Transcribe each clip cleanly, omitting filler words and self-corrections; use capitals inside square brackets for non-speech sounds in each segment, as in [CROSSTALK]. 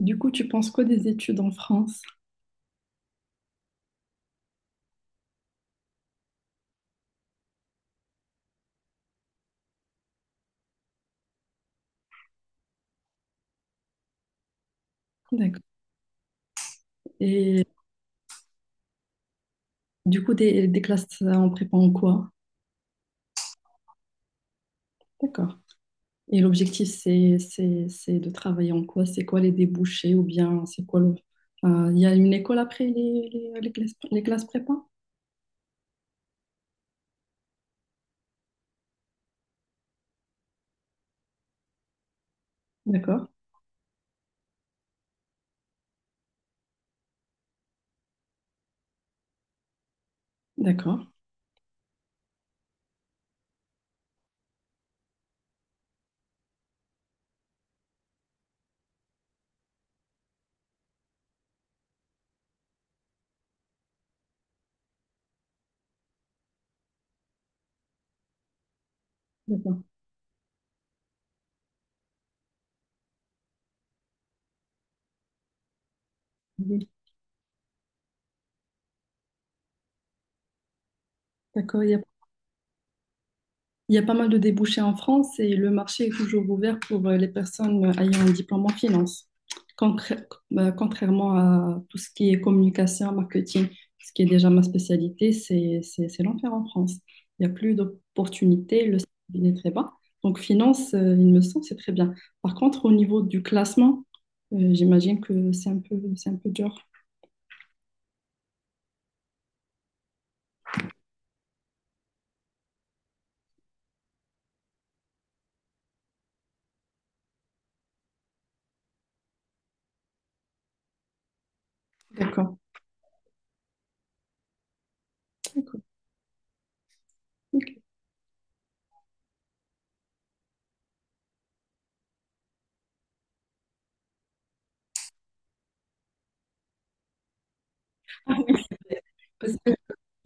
Du coup, tu penses quoi des études en France? D'accord. Et du coup, des classes en prépa en quoi? D'accord. Et l'objectif, c'est de travailler en quoi? C'est quoi les débouchés ou bien c'est quoi le. Il y a une école après les classes prépa? D'accord. D'accord. D'accord. Oui. D'accord. Il y a pas mal de débouchés en France et le marché est toujours ouvert pour les personnes ayant un diplôme en finance, Concr- contrairement à tout ce qui est communication, marketing, ce qui est déjà ma spécialité, c'est l'enfer en France. Il n'y a plus d'opportunités, le salaire est très bas. Donc finance, il me semble, c'est très bien. Par contre, au niveau du classement, j'imagine que c'est un peu dur. D'accord. D'accord. Ok.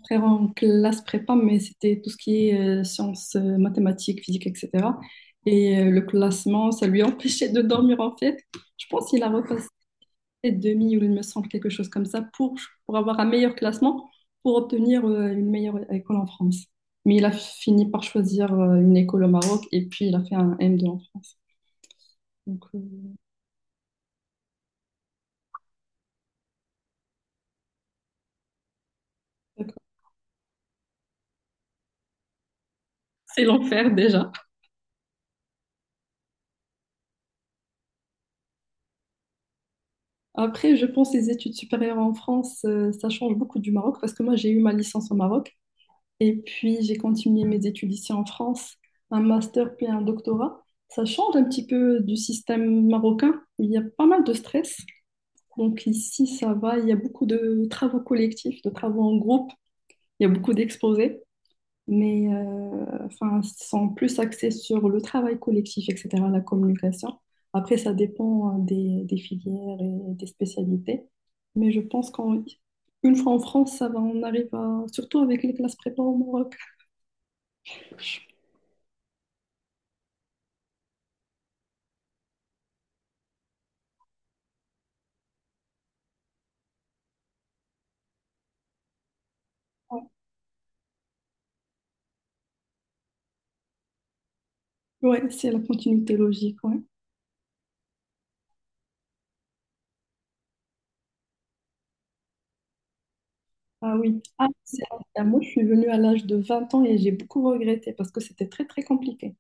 Après en classe prépa, mais c'était tout ce qui est sciences, mathématiques, physique, etc. Et le classement, ça lui [LAUGHS] empêchait de dormir en fait. Je pense qu'il a repassé demi ou il me semble quelque chose comme ça pour avoir un meilleur classement, pour obtenir une meilleure école en France. Mais il a fini par choisir une école au Maroc et puis il a fait un M2 en France. Donc, d'accord. C'est l'enfer déjà. Après, je pense les études supérieures en France, ça change beaucoup du Maroc parce que moi j'ai eu ma licence au Maroc. Et puis, j'ai continué mes études ici en France, un master puis un doctorat. Ça change un petit peu du système marocain. Il y a pas mal de stress. Donc ici, ça va. Il y a beaucoup de travaux collectifs, de travaux en groupe. Il y a beaucoup d'exposés. Mais enfin, ils sont plus axés sur le travail collectif, etc., la communication. Après, ça dépend des filières et des spécialités. Mais je pense qu'une fois en France, ça va, on arrive à, surtout avec les classes prépa au Maroc. Je Ouais, ouais, c'est la continuité logique, ouais. Ah oui. Ah, ah, moi, je suis venue à l'âge de 20 ans et j'ai beaucoup regretté parce que c'était très, très compliqué.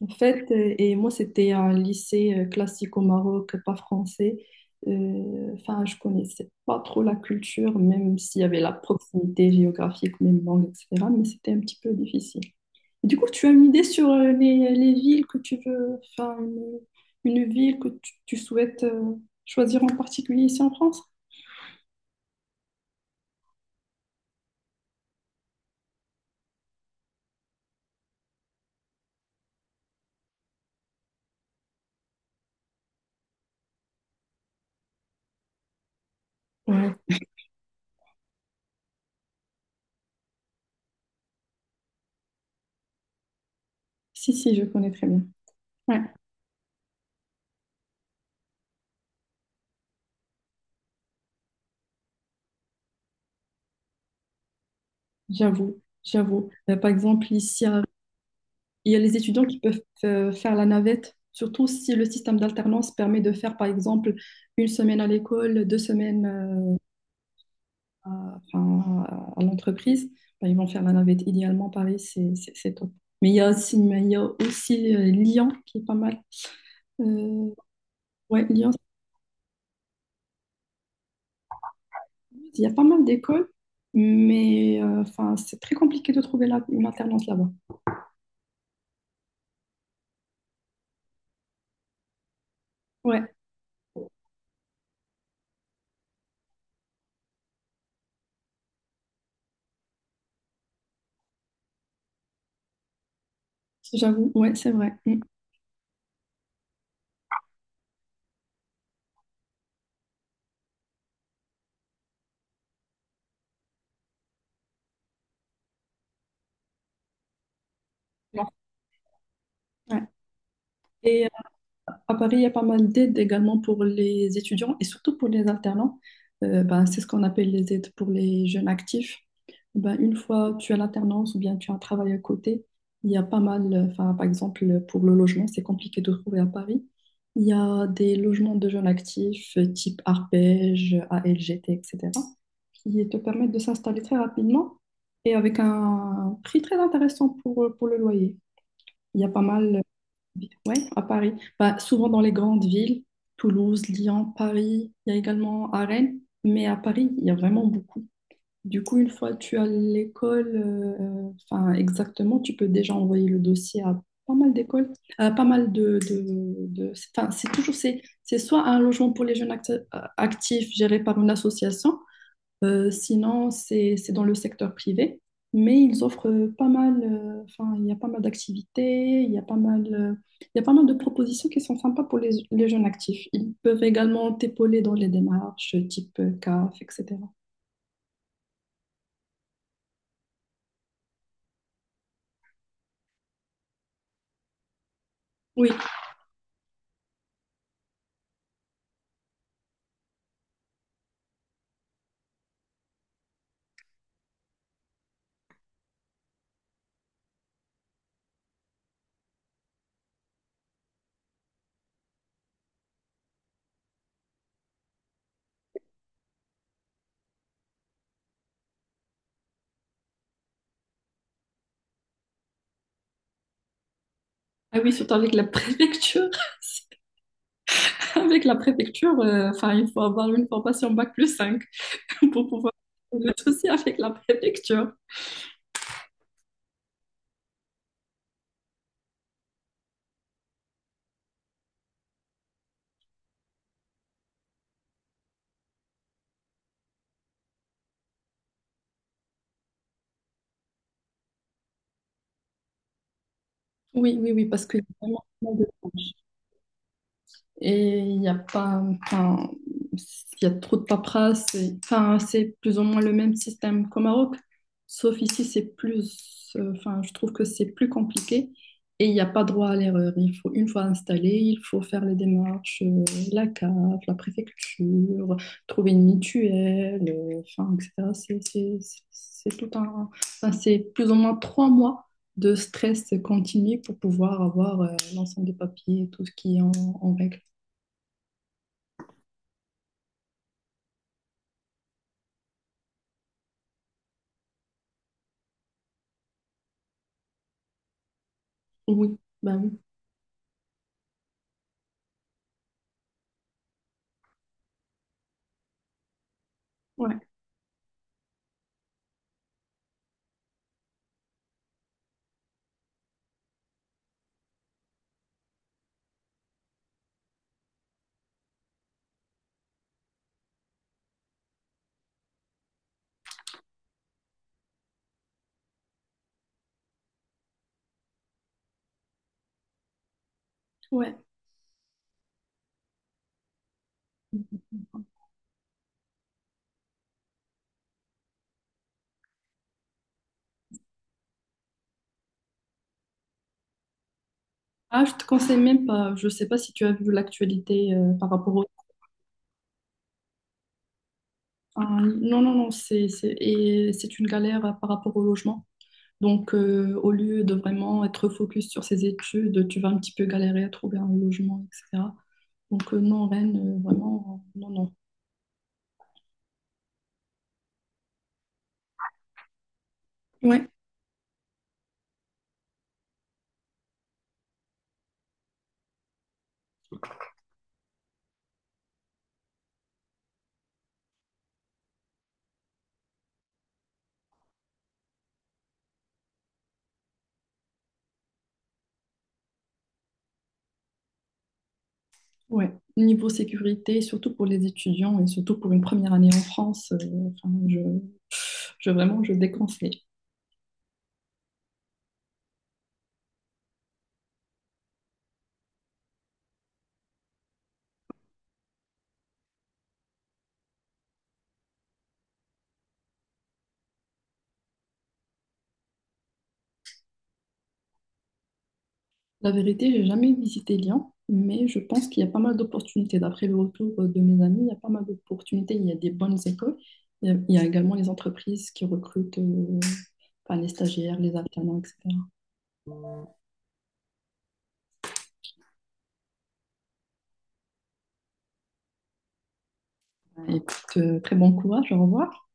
En fait, et moi, c'était un lycée classique au Maroc, pas français. Enfin, je connaissais pas trop la culture, même s'il y avait la proximité géographique, même langue, etc. Mais c'était un petit peu difficile. Du coup, tu as une idée sur les villes que tu veux, enfin, une ville que tu souhaites choisir en particulier ici en France? Ouais. Si, si, je connais très bien. Ouais, j'avoue, j'avoue. Par exemple, ici, il y a les étudiants qui peuvent faire la navette, surtout si le système d'alternance permet de faire, par exemple, une semaine à l'école, 2 semaines à, enfin, à l'entreprise. Ben, ils vont faire la navette. Idéalement, Paris, c'est top. Mais il y a aussi, Lyon qui est pas mal. Euh, ouais, Lyon, il y a pas mal d'écoles, mais enfin, c'est très compliqué de trouver là, une alternance là-bas. Ouais, j'avoue, ouais, c'est vrai. Mm. Ouais. Et à Paris, il y a pas mal d'aides également pour les étudiants et surtout pour les alternants. Ben, c'est ce qu'on appelle les aides pour les jeunes actifs. Ben, une fois tu as l'alternance ou bien tu as un travail à côté, il y a pas mal, enfin, par exemple, pour le logement, c'est compliqué de trouver à Paris. Il y a des logements de jeunes actifs type Arpège, ALGT, etc., qui te permettent de s'installer très rapidement et avec un prix très intéressant pour le loyer. Il y a pas mal. Oui, à Paris. Bah, souvent dans les grandes villes, Toulouse, Lyon, Paris, il y a également à Rennes, mais à Paris, il y a vraiment beaucoup. Du coup, une fois que tu as l'école, enfin exactement, tu peux déjà envoyer le dossier à pas mal d'écoles, à pas mal enfin, c'est toujours, c'est soit un logement pour les jeunes actifs géré par une association, sinon, c'est dans le secteur privé, mais ils offrent pas mal, enfin, il y a pas mal d'activités, il y a pas mal, il y a pas mal de propositions qui sont sympas pour les jeunes actifs. Ils peuvent également t'épauler dans les démarches type CAF, etc. Oui, ah oui, surtout avec la préfecture. [LAUGHS] Avec la préfecture, enfin, il faut avoir une formation bac+5 [LAUGHS] pour pouvoir le souci avec la préfecture. Oui, oui, oui, parce que y a vraiment pas mal de. Et il y a pas, enfin, il y a trop de paperasse. Enfin, c'est plus ou moins le même système qu'au Maroc, sauf ici, c'est plus, enfin, je trouve que c'est plus compliqué et il n'y a pas droit à l'erreur. Il faut, une fois installé, il faut faire les démarches, la CAF, la préfecture, trouver une mutuelle, enfin, etc. C'est tout un, enfin, c'est plus ou moins 3 mois de stress continu pour pouvoir avoir, l'ensemble des papiers, tout ce qui est en règle. Oui, ben oui. Ouais, ouais. Ah, je te conseille même pas. Je sais pas si tu as vu l'actualité par rapport au. Ah, non, non, non, et c'est une galère par rapport au logement. Donc, au lieu de vraiment être focus sur ses études, tu vas un petit peu galérer à trouver un logement, etc. Donc, non, Rennes, vraiment, non, non. Ouais, ouais. Niveau sécurité, surtout pour les étudiants et surtout pour une première année en France, enfin, je vraiment, je déconseille. La vérité, j'ai jamais visité Lyon, mais je pense qu'il y a pas mal d'opportunités. D'après le retour de mes amis, il y a pas mal d'opportunités. Il y a des bonnes écoles. Il y a également les entreprises qui recrutent enfin, les stagiaires, les alternants, etc. Et puis, très bon courage, au revoir.